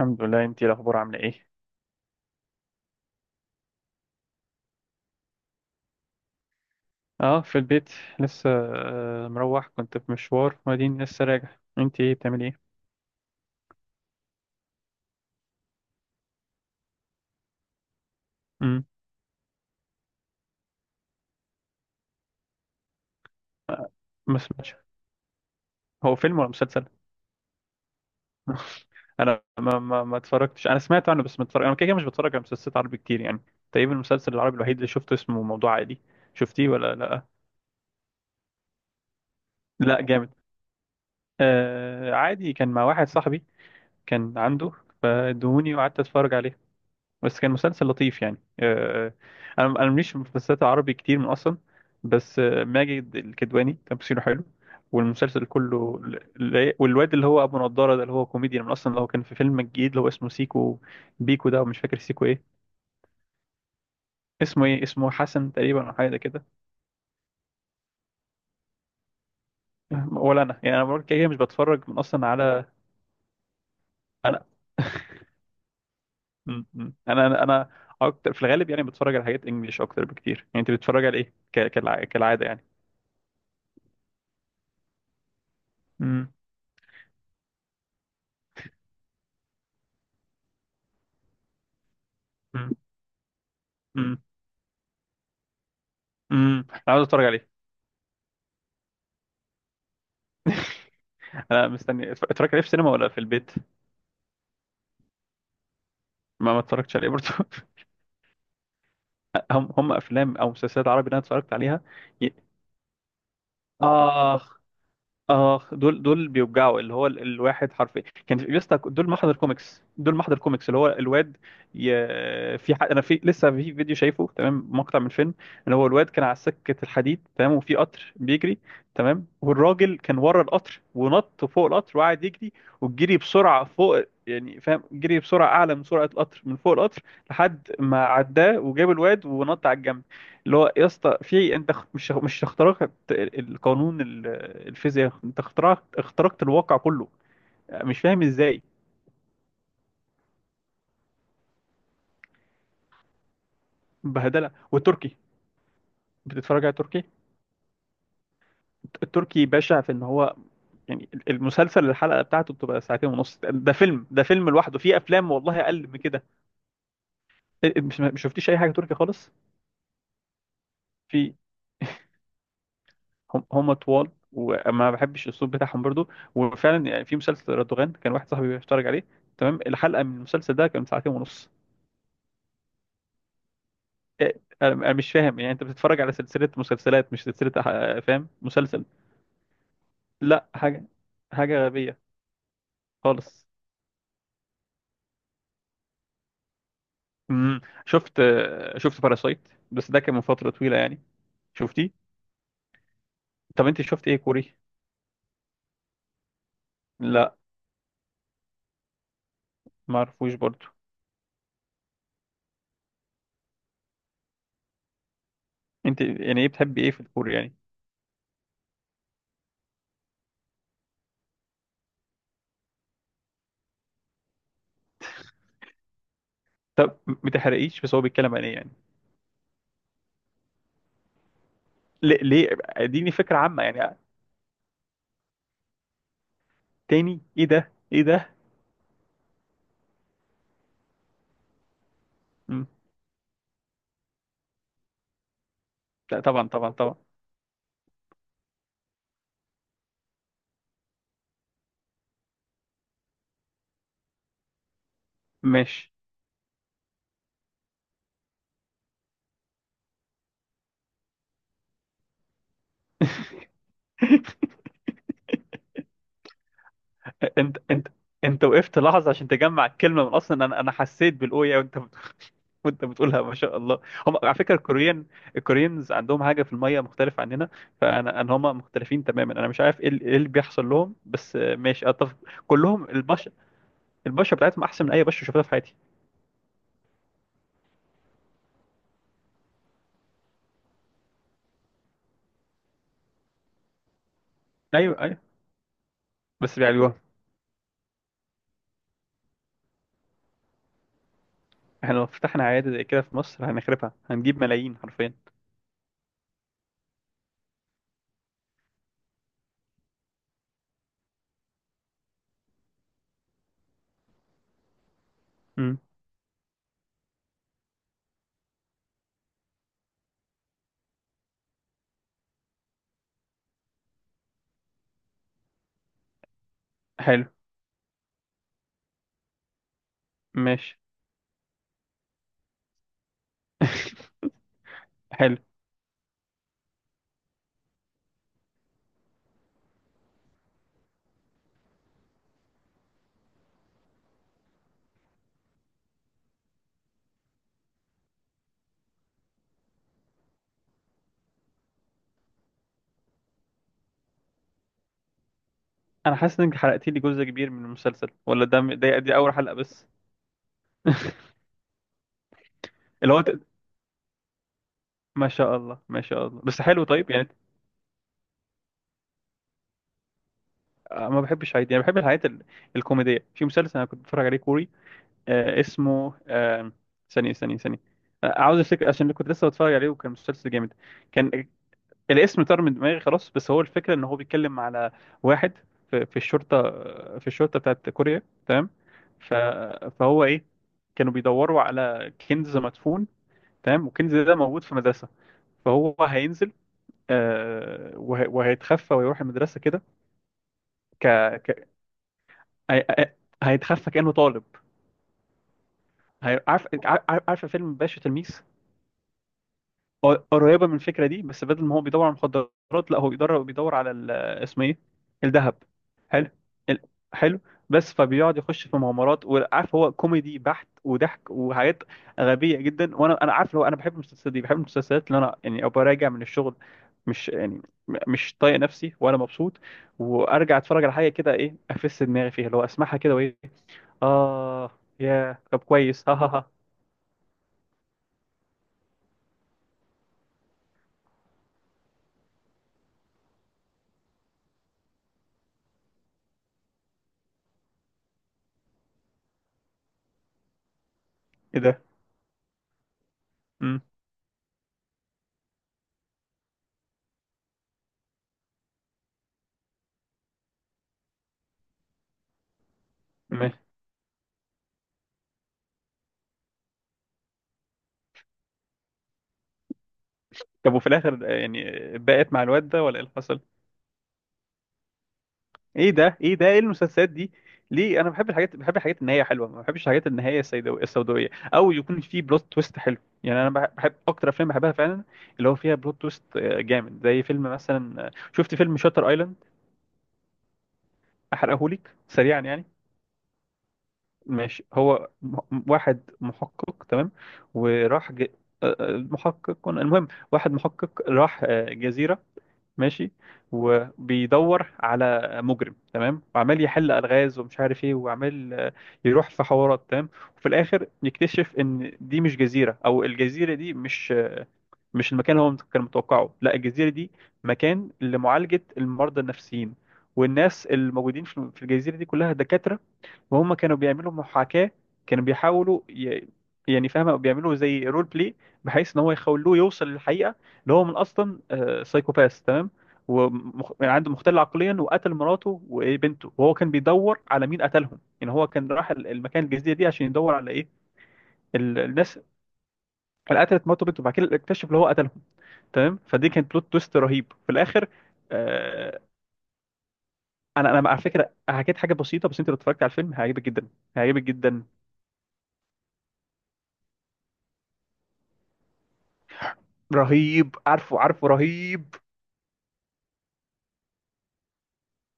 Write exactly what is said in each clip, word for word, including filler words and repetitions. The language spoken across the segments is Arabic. الحمد لله، انتي الاخبار عامله ايه؟ اه، في البيت لسه. آه، مروح، كنت في مشوار وبعدين لسه راجع. انتي ايه بتعملي ايه؟ امم. آه، ما سمعتش. هو فيلم ولا مسلسل؟ انا ما ما, ما اتفرجتش، انا سمعت عنه بس ما اتفرج، انا كده كده مش بتفرج على مسلسلات عربي كتير يعني. تقريبا المسلسل العربي الوحيد اللي شفته اسمه موضوع عادي. شفتيه ولا لا؟ لا، جامد. آه عادي، كان مع واحد صاحبي كان عنده، فادوني وقعدت اتفرج عليه. بس كان مسلسل لطيف يعني. آه، آه، انا انا مليش في مسلسلات عربي كتير من اصلا. بس آه، ماجد الكدواني تمثيله حلو، والمسلسل كله ل- ل- والواد اللي هو ابو نضاره ده، اللي هو كوميديان من اصلا، اللي هو كان في فيلم الجديد اللي هو اسمه سيكو بيكو ده، ومش فاكر سيكو ايه. اسمه ايه؟ اسمه حسن تقريبا، او حاجه زي كده. ولا انا يعني، انا بقول كده كده مش بتفرج من اصلا على. انا م- م. انا انا أنا اكتر في الغالب يعني بتفرج على حاجات انجليش اكتر بكتير يعني. انت بتتفرج على ايه ك- كالع- كالعاده يعني؟ م- م- م. امم، انا عاوز اتفرج عليه. انا مستني. اتف- اتفرجت عليه في السينما ولا في البيت؟ ما ما اتفرجتش عليه برضه هم هم افلام او مسلسلات عربي اللي انا اتفرجت عليها. ي... اخ، اه، دول دول بيوجعوا، اللي هو ال- الواحد حرفيا، كان في يسطا. دول محضر كوميكس، دول محضر كوميكس، اللي هو الواد. ي... في ح... انا في لسه في فيديو شايفه، تمام، مقطع من فيلم ان هو الواد كان على سكه الحديد، تمام، وفي قطر بيجري، تمام، والراجل كان ورا القطر ونط فوق القطر وقعد يجري، والجري بسرعه فوق، يعني فاهم، جري بسرعه اعلى من سرعه القطر، من فوق القطر لحد ما عداه وجاب الواد ونط على الجنب. اللي هو يا اسطى، في انت خ- مش مش اخترقت القانون ال- الفيزياء، انت اخترقت اخترقت الواقع كله. مش فاهم ازاي. بهدله. والتركي، بتتفرج على تركي؟ التركي بشع في ان هو يعني المسلسل الحلقه بتاعته بتبقى ساعتين ونص، ده فيلم، ده فيلم لوحده. في افلام والله اقل من كده. مش ما شفتيش اي حاجه تركي خالص؟ في هم هم طوال وما بحبش الاسلوب بتاعهم برضو. وفعلا يعني في مسلسل رادوغان، كان واحد صاحبي بيتفرج عليه، تمام. الحلقه من المسلسل ده كانت ساعتين ونص. إيه، انا أنا مش فاهم يعني، انت بتتفرج على سلسله مسلسلات مش سلسله أح- فاهم، مسلسل. لا، حاجه، حاجه غبيه خالص. امم. شفت آه، شفت باراسايت، بس ده كان من فتره طويله يعني. شفتيه؟ طب انت شفت ايه كوري؟ لا، ما اعرفوش برضو. انت يعني ايه بتحبي ايه في الكوري يعني؟ طب، ما تحرقيش، بس هو بيتكلم عن ايه يعني؟ ليه ليه، اديني فكره عامه يعني. تاني، ايه ده ايه ده؟ مم. لا، طبعا طبعا طبعا. ماشي. انت انت انت وقفت لحظه عشان تجمع الكلمه من اصلا، انا انا حسيت بالاويه، وانت بت- وانت بتقولها ما شاء الله. هم، على فكره الكوريين، الكوريينز عندهم حاجه في الميه مختلفه عننا. فانا ان هم مختلفين تماما. انا مش عارف ايه ال- ايه اللي بيحصل لهم، بس آه، ماشي، اتفق. كلهم البشره، البشره بتاعتهم احسن من اي بشره شفتها في حياتي. ايوه، ايوه. بس بيعالجوها. احنا لو فتحنا عياده زي كده في مصر هنخربها، هنجيب ملايين حرفيا. امم. حلو. ماشي. حلو. انا حاسس انك حرقت لي جزء كبير من المسلسل، ولا ده ده دي اول حلقه بس؟ اللي هو ت- ما شاء الله، ما شاء الله، بس حلو طيب يعني. آه، ما بحبش عادي يعني، بحب الحاجات ال... الكوميدية. في مسلسل انا كنت بتفرج عليه كوري، آه اسمه آه ثانية ثانية ثانية، آه، عاوز افتكر عشان كنت لسه بتفرج عليه وكان مسلسل جامد، كان. الاسم طار من دماغي خلاص، بس هو الفكرة ان هو بيتكلم على واحد في, في الشرطة، في الشرطة بتاعت كوريا، تمام. ف... فهو ايه، كانوا بيدوروا على كنز مدفون، تمام، والكنز ده موجود في مدرسة، فهو هينزل، آه، وه- وهيتخفى ويروح المدرسة كده. ك... ك... هي- هي- هيتخفى كأنه طالب. هي- عارف عارف عارف فيلم باشا تلميذ؟ قريبه من الفكره دي، بس بدل ما هو بيدور على المخدرات، لا هو بيدور بيدور على ال- اسمه ايه، الذهب. حلو. ال- حلو. بس فبيقعد يخش في مغامرات، وعارف، هو كوميدي بحت، وضحك وحاجات غبيه جدا. وانا انا عارف لو انا بحب المسلسلات دي، بحب المسلسلات اللي انا يعني ابقى راجع من الشغل، مش يعني م- مش طايق نفسي ولا مبسوط، وارجع اتفرج على حاجه كده، ايه، افس دماغي فيها، اللي هو اسمعها كده وايه. اه، يا طب، كويس، ها ها ها. ايه ده؟ مم. طب وفي الاخر يعني، بقت مع الواد ده ولا ايه اللي حصل؟ ايه ده ايه ده، ايه المسلسلات دي؟ ليه، انا بحب الحاجات، بحب الحاجات النهايه حلوه، ما بحبش الحاجات النهايه السيدو- السوداويه، او يكون في بلوت تويست حلو يعني. انا بح- بحب اكتر، افلام بحبها فعلا اللي هو فيها بلوت تويست آه، جامد، زي فيلم مثلا، آه، شفت فيلم شاتر ايلاند؟ احرقهولك سريعا يعني. ماشي، هو م- م- واحد محقق، تمام. وراح ج... آه، آه، محقق، المهم، واحد محقق راح آه، جزيره، ماشي، وبيدور على مجرم، تمام، وعمال يحل الغاز ومش عارف ايه، وعمال آه، يروح في حوارات، تمام. وفي الاخر يكتشف ان دي مش جزيره، او الجزيره دي مش آه، مش المكان اللي هو مت- كان متوقعه. لا، الجزيره دي مكان لمعالجه المرضى النفسيين، والناس الموجودين في في الجزيره دي كلها دكاتره، وهم كانوا بيعملوا محاكاة، كانوا بيحاولوا ي... يعني فاهمة، بيعملوا زي رول بلاي، بحيث ان هو يخلوه يوصل للحقيقة، اللي هو من اصلا آه، سايكوباث، تمام. ومخ... يعني عنده مختل عقليا، وقتل مراته وبنته، وهو كان بيدور على مين قتلهم. يعني هو كان راح ال- المكان، الجزيرة دي، عشان يدور على ايه؟ ال- الناس اللي قتلت مراته وبنته. وبعد كده اكتشف اللي هو قتلهم، تمام. فدي كانت بلوت تويست رهيب في الاخر. آه، انا انا على فكره حكيت حاجه بسيطه، بس انت لو اتفرجت على الفيلم هيعجبك جدا، هيعجبك جدا. رهيب، عارفه عارفه، رهيب.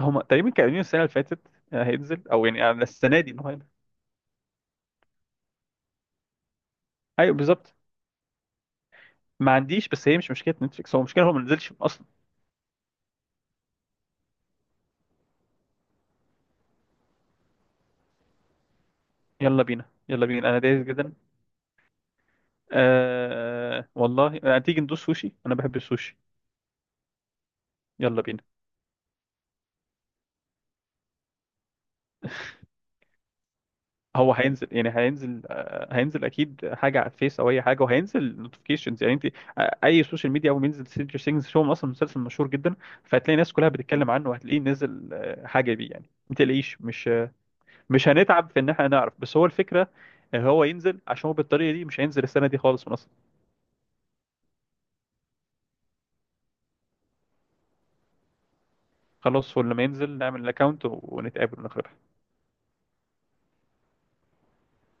هما تقريبا كانوا قايلين السنه اللي فاتت آه، هينزل، او يعني على السنه دي انه هينزل. ايوه بالظبط. ما عنديش، بس هي مش مشكله نتفليكس، هو مشكله هو ما نزلش اصلا. يلا بينا، يلا بينا، انا دايس جدا. آه والله، آه، تيجي ندوس سوشي، انا بحب السوشي. يلا بينا. هو هينزل، يعني هينزل آه، هينزل اكيد، حاجه على الفيس او اي حاجه، وهينزل نوتيفيكيشنز، يعني انت آه، اي سوشيال ميديا، اول ما ينزل سترينجر ثينجز هو اصلا مسلسل مشهور جدا، فهتلاقي الناس كلها بتتكلم عنه وهتلاقيه نزل آه، حاجه بيه يعني، ما تقلقيش، مش مش هنتعب في ان احنا نعرف. بس هو الفكره آه، هو ينزل. عشان هو بالطريقه دي مش هينزل السنه دي خالص من اصلا. خلاص، هو لما ينزل نعمل الاكونت ونتقابل ونخرج.